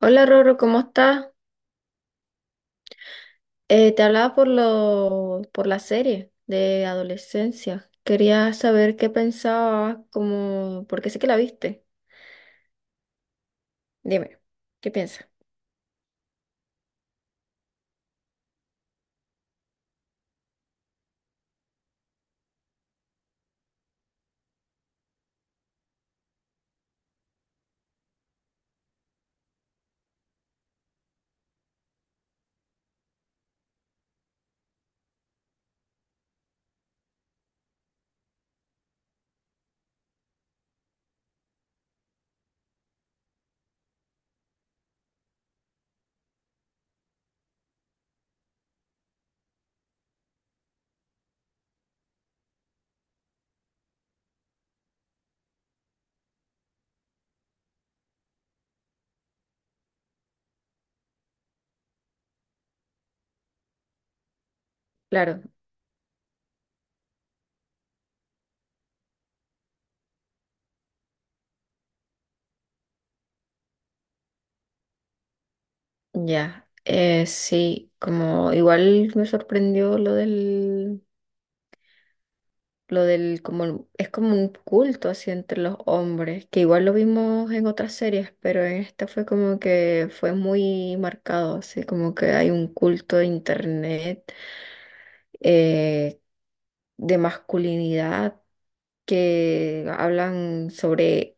Hola Roro, ¿cómo estás? Te hablaba por por la serie de adolescencia. Quería saber qué pensabas, como, porque sé que la viste. Dime, ¿qué piensas? Claro, ya. Sí, como igual me sorprendió lo del, como, es como un culto así entre los hombres, que igual lo vimos en otras series, pero en esta fue como que fue muy marcado, así como que hay un culto de internet. Eh, de masculinidad que hablan sobre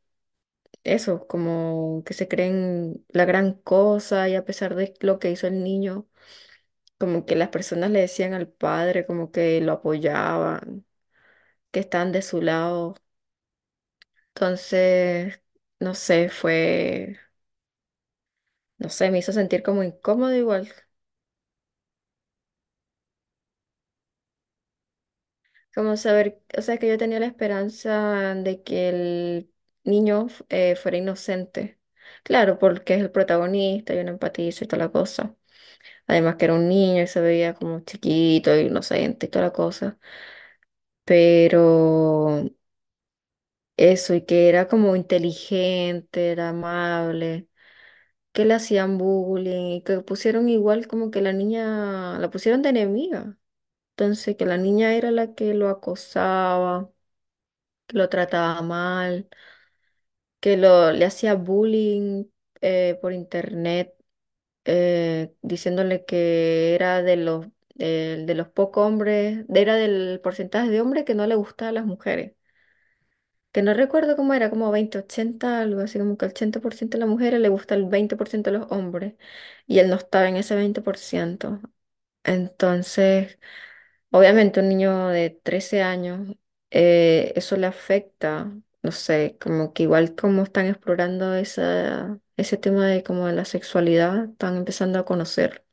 eso, como que se creen la gran cosa y a pesar de lo que hizo el niño, como que las personas le decían al padre, como que lo apoyaban, que están de su lado. Entonces, no sé, fue, no sé, me hizo sentir como incómodo igual. Como saber, o sea, que yo tenía la esperanza de que el niño fuera inocente. Claro, porque es el protagonista, yo no empatizo y toda la cosa. Además que era un niño y se veía como chiquito, inocente y toda la cosa. Pero eso, y que era como inteligente, era amable, que le hacían bullying y que pusieron igual como que la niña, la pusieron de enemiga. Entonces, que la niña era la que lo acosaba, que lo trataba mal. Le hacía bullying por internet, diciéndole que era de los, de los pocos hombres, era del porcentaje de hombres que no le gustaban las mujeres. Que no recuerdo cómo era, como 20-80, algo así como que el 80% de las mujeres le gusta el 20% de los hombres y él no estaba en ese 20%. Entonces, obviamente un niño de 13 años, eso le afecta, no sé, como que igual como están explorando ese tema de como de la sexualidad, están empezando a conocer.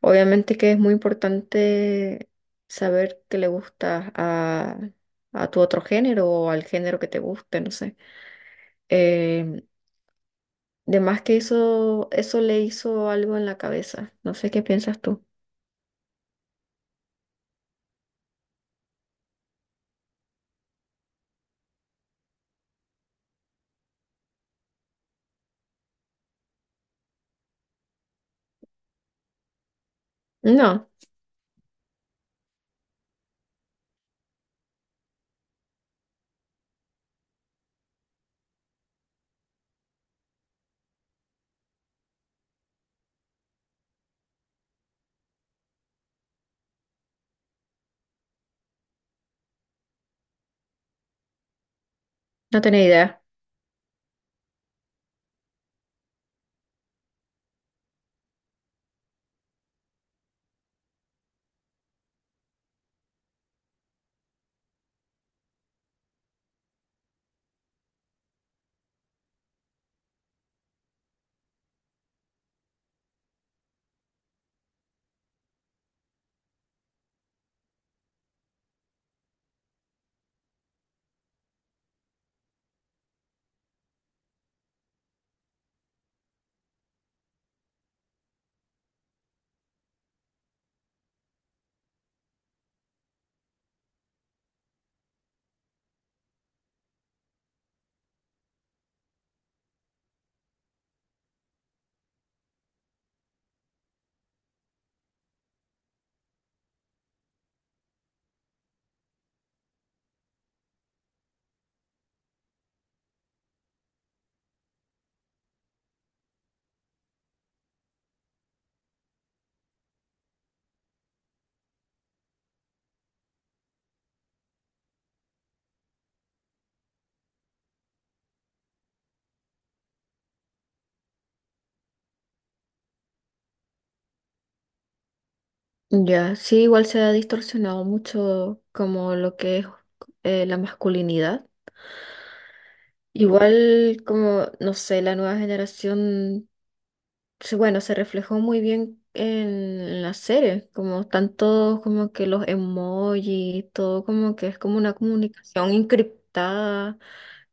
Obviamente que es muy importante saber qué le gusta a tu otro género o al género que te guste, no sé. Eh, de más que eso le hizo algo en la cabeza. No sé qué piensas tú. No, no tenía idea. Ya, sí, igual se ha distorsionado mucho como lo que es la masculinidad. Igual como, no sé, la nueva generación, bueno, se reflejó muy bien en las series, como tanto como que los emojis, todo como que es como una comunicación encriptada,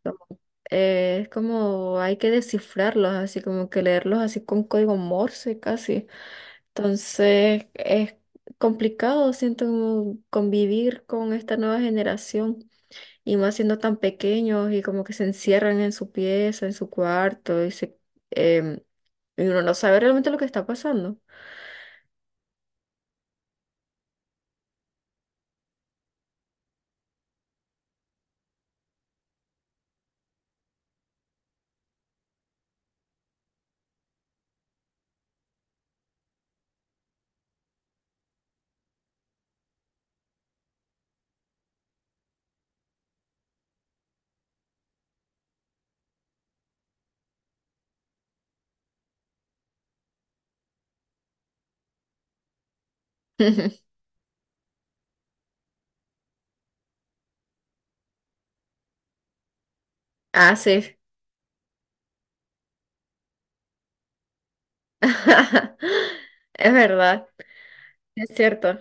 como- es como hay que descifrarlos, así como que leerlos así con código Morse casi. Entonces es complicado, siento como convivir con esta nueva generación y más siendo tan pequeños y como que se encierran en su pieza, en su cuarto y em, y uno no sabe realmente lo que está pasando. Ah, sí. Es verdad, es cierto.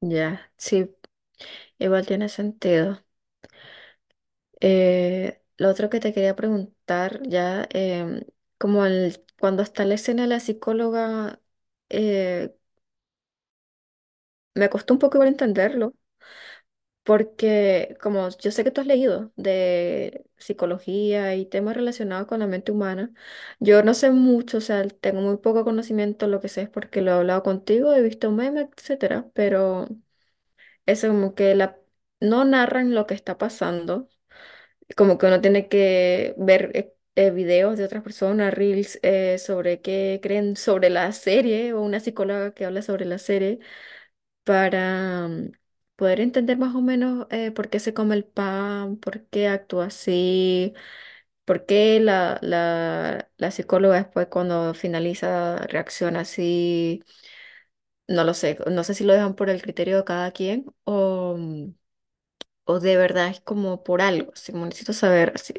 Ya, sí, igual tiene sentido. Lo otro que te quería preguntar, ya, como el, cuando está la escena de la psicóloga, eh, me costó un poco igual entenderlo, porque como yo sé que tú has leído de psicología y temas relacionados con la mente humana, yo no sé mucho, o sea, tengo muy poco conocimiento, lo que sé es porque lo he hablado contigo, he visto memes, etcétera, pero eso como que la, no narran lo que está pasando, como que uno tiene que ver videos de otras personas, reels, sobre qué creen sobre la serie o una psicóloga que habla sobre la serie para poder entender más o menos por qué se come el pan, por qué actúa así, por qué la psicóloga después cuando finaliza reacciona así, no lo sé, no sé si lo dejan por el criterio de cada quien o, o de verdad es como por algo, si necesito saber, así,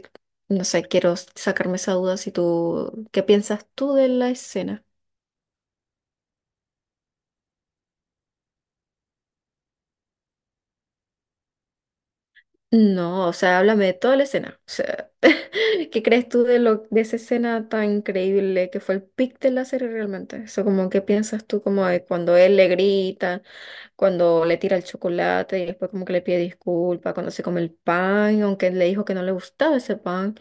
no sé, quiero sacarme esa duda si tú, ¿qué piensas tú de la escena? No, o sea, háblame de toda la escena. O sea, ¿qué crees tú de lo, de esa escena tan increíble que fue el pic de la serie realmente? Eso como qué piensas tú como de cuando él le grita, cuando le tira el chocolate y después como que le pide disculpas, cuando se come el pan, aunque él le dijo que no le gustaba ese pan,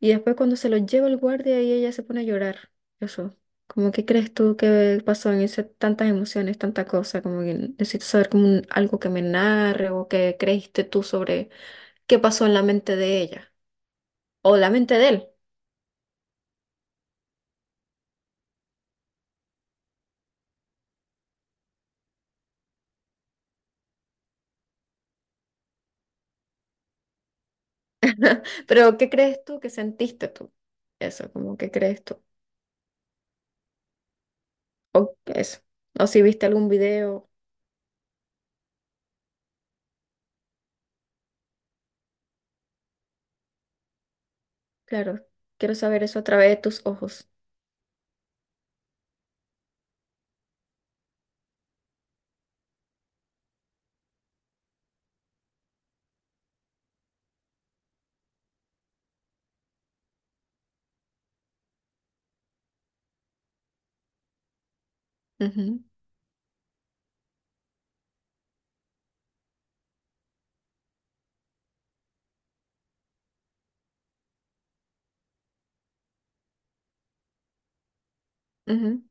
y después cuando se lo lleva el guardia y ella se pone a llorar. Eso. Como qué crees tú que pasó en esas tantas emociones, tanta cosa, como que necesito saber como algo que me narre o que creíste tú sobre qué pasó en la mente de ella o la mente de él. Pero ¿qué crees tú que sentiste tú? Eso, como ¿qué crees tú? O eso. O si viste algún video, claro, quiero saber eso a través de tus ojos. Ujú, ujú,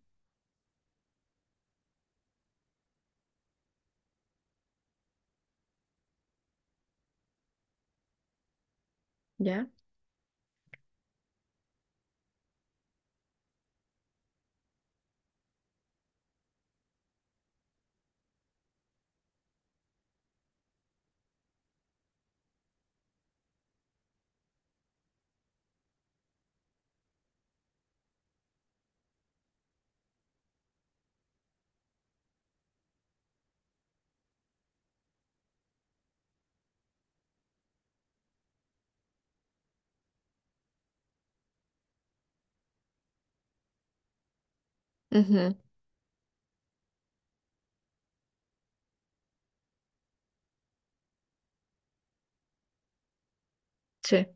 ¿ya? Ujú, sí.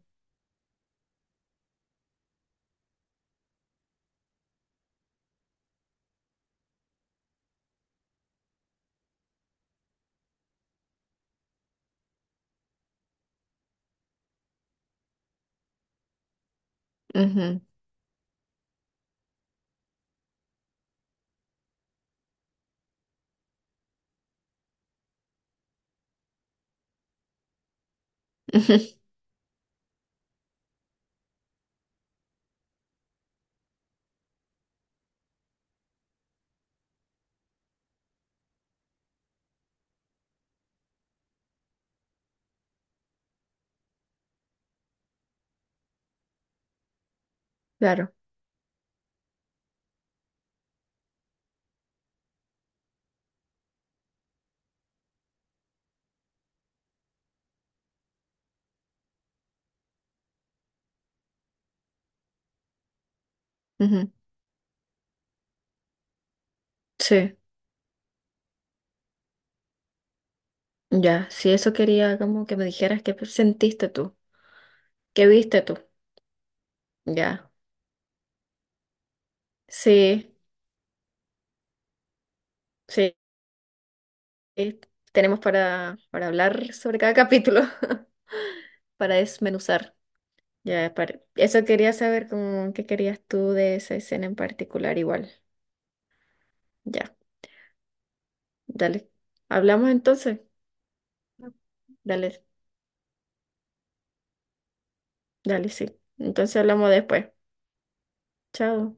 Ujú, ujú, claro. Ujú, sí. Ya. Si eso quería como que me dijeras qué sentiste tú, qué viste tú. Ya. Sí, sí. Tenemos para hablar sobre cada capítulo, para desmenuzar. Ya, para... Eso quería saber cómo, qué querías tú de esa escena en particular, igual. Ya, dale. ¿Hablamos entonces? Dale, dale, sí. Entonces hablamos después. Chao.